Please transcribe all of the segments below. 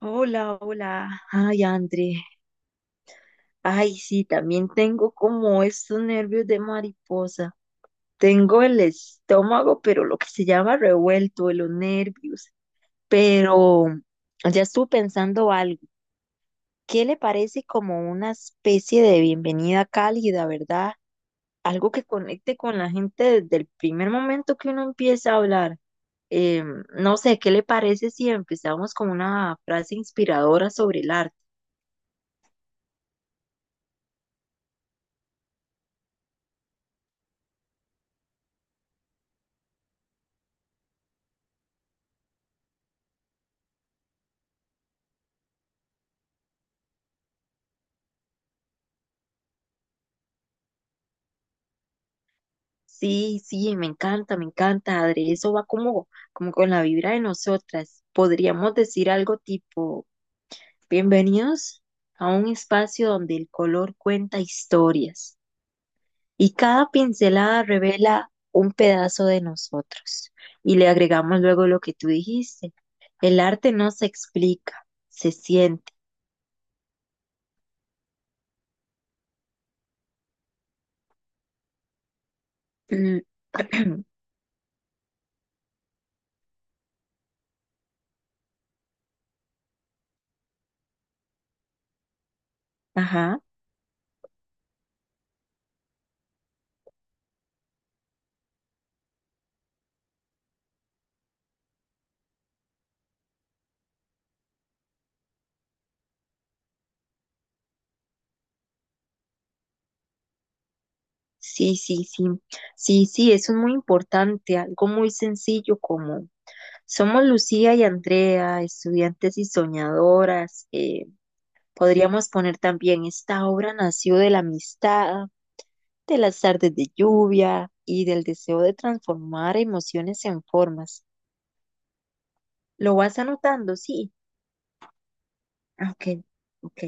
Hola, hola. Ay, André. Ay, sí, también tengo como estos nervios de mariposa. Tengo el estómago, pero lo que se llama revuelto de los nervios. Pero ya estuve pensando algo. ¿Qué le parece como una especie de bienvenida cálida, verdad? Algo que conecte con la gente desde el primer momento que uno empieza a hablar. No sé, ¿qué le parece si empezamos con una frase inspiradora sobre el arte? Sí, sí, me encanta, Adri. Eso va como, como con la vibra de nosotras. Podríamos decir algo tipo, bienvenidos a un espacio donde el color cuenta historias y cada pincelada revela un pedazo de nosotros. Y le agregamos luego lo que tú dijiste. El arte no se explica, se siente. Mm. Ajá. Sí, sí, sí. Sí, sí, eso es muy importante, algo muy sencillo como: somos Lucía y Andrea, estudiantes y soñadoras. Podríamos poner también, esta obra nació de la amistad, de las tardes de lluvia y del deseo de transformar emociones en formas. ¿Lo vas anotando? Sí. Ah, ok, ok,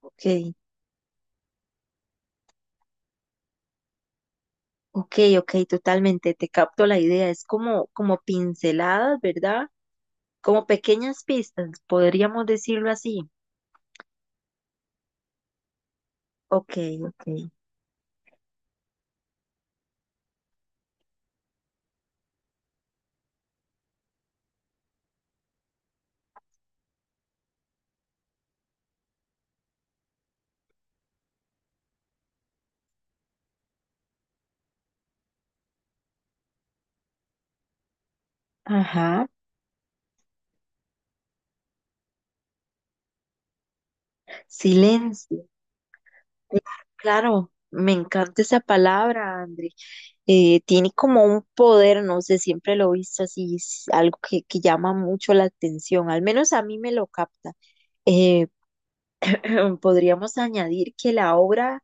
ok, ok, ok, totalmente. Te capto la idea. Es como, como pinceladas, ¿verdad? Como pequeñas pistas, podríamos decirlo así. Ok, ok. Ajá. Silencio. Claro, me encanta esa palabra, André. Tiene como un poder, no sé, siempre lo he visto así, es algo que llama mucho la atención, al menos a mí me lo capta. Eh, Podríamos añadir que la obra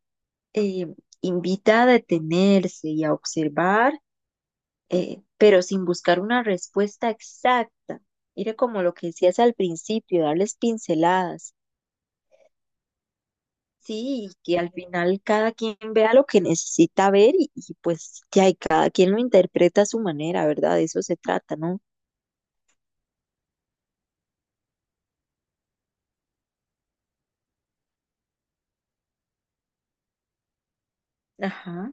eh, invita a detenerse y a observar, pero sin buscar una respuesta exacta. Mira como lo que decías al principio, darles pinceladas. Sí, y que al final cada quien vea lo que necesita ver y pues ya, y cada quien lo interpreta a su manera, ¿verdad? De eso se trata, ¿no? Ajá.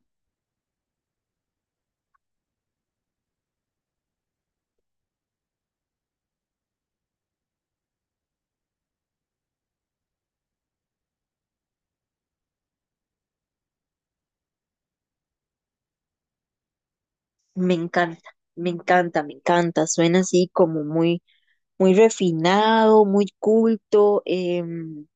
Me encanta, me encanta, me encanta. Suena así como muy, muy refinado, muy culto.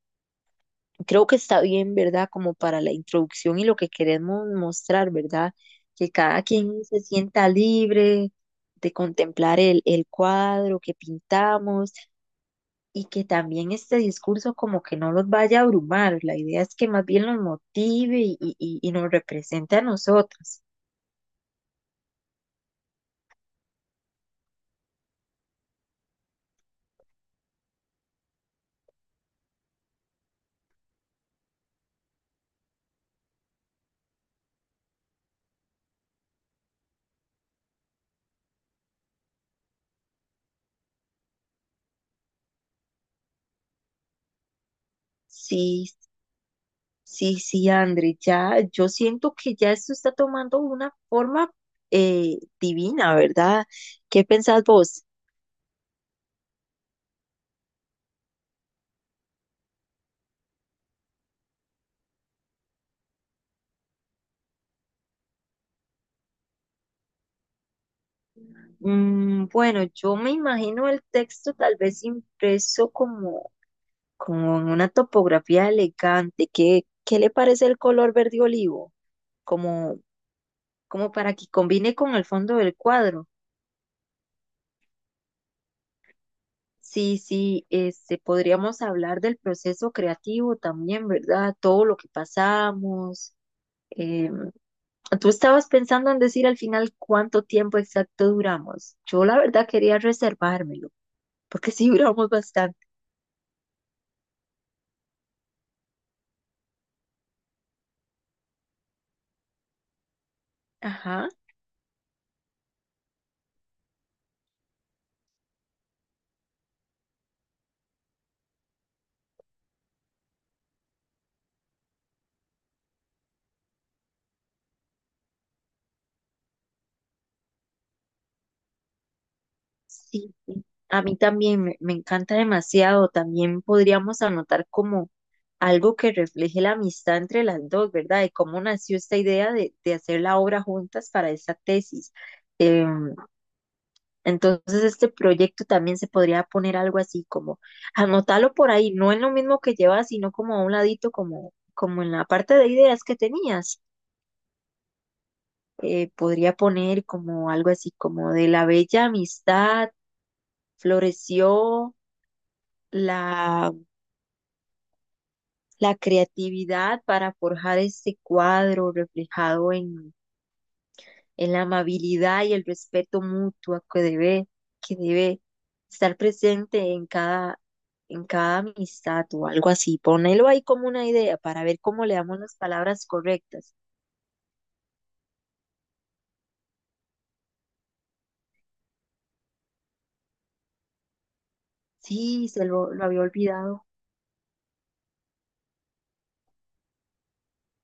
Creo que está bien, ¿verdad? Como para la introducción y lo que queremos mostrar, ¿verdad? Que cada quien se sienta libre de contemplar el cuadro que pintamos y que también este discurso como que no los vaya a abrumar. La idea es que más bien los motive y nos represente a nosotras. Sí, sí, sí, André, ya yo siento que ya esto está tomando una forma divina, ¿verdad? ¿Qué pensás vos? Mm, bueno, yo me imagino el texto tal vez impreso como, como en una topografía elegante. ¿Qué le parece el color verde olivo? Como como para que combine con el fondo del cuadro. Sí, sí, este, podríamos hablar del proceso creativo también, ¿verdad? Todo lo que pasamos. Eh, Tú estabas pensando en decir al final cuánto tiempo exacto duramos. Yo la verdad quería reservármelo, porque sí duramos bastante. Ajá. Sí, sí. A mí también me encanta demasiado. También podríamos anotar como algo que refleje la amistad entre las dos, ¿verdad? Y cómo nació esta idea de hacer la obra juntas para esta tesis. Em, entonces, este proyecto también se podría poner algo así como anotarlo por ahí, no en lo mismo que llevas, sino como a un ladito, como, como en la parte de ideas que tenías. Podría poner como algo así como de la bella amistad floreció la, la creatividad para forjar este cuadro reflejado en la amabilidad y el respeto mutuo que debe estar presente en cada amistad o algo así. Ponelo ahí como una idea para ver cómo le damos las palabras correctas. Sí, lo había olvidado.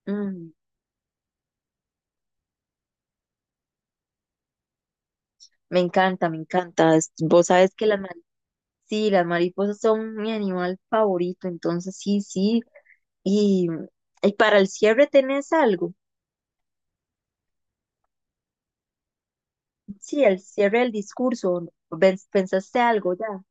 Mm. Me encanta, me encanta. Es- Vos sabes que las, mari- sí, las mariposas son mi animal favorito, entonces sí, sí. Y, y para el cierre tenés algo. Sí, el cierre del discurso. Ven- ¿Pensaste algo ya?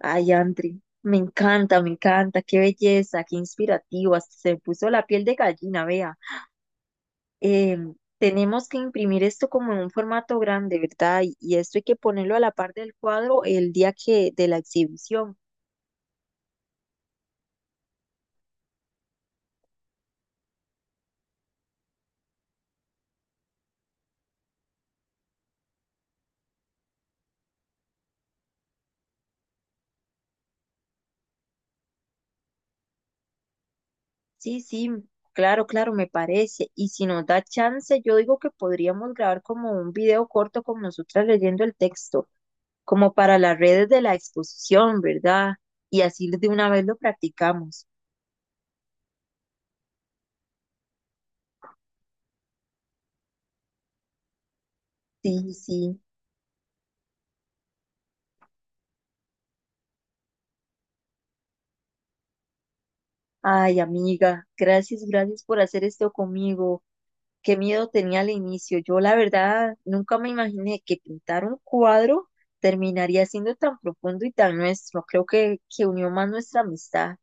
Ay, Andri, me encanta, me encanta. Qué belleza, qué inspirativo. Hasta se me puso la piel de gallina, vea. Tenemos que imprimir esto como en un formato grande, ¿verdad? Y esto hay que ponerlo a la par del cuadro el día que de la exhibición. Sí, sí, claro, claro, me parece. Y si nos da chance, yo digo que podríamos grabar como un video corto con nosotras leyendo el texto, como para las redes de la exposición, ¿verdad? Y así de una vez lo practicamos. Sí, sí. Ay, amiga, gracias, gracias por hacer esto conmigo. Qué miedo tenía al inicio. Yo, la verdad, nunca me imaginé que pintar un cuadro terminaría siendo tan profundo y tan nuestro. Creo que unió más nuestra amistad.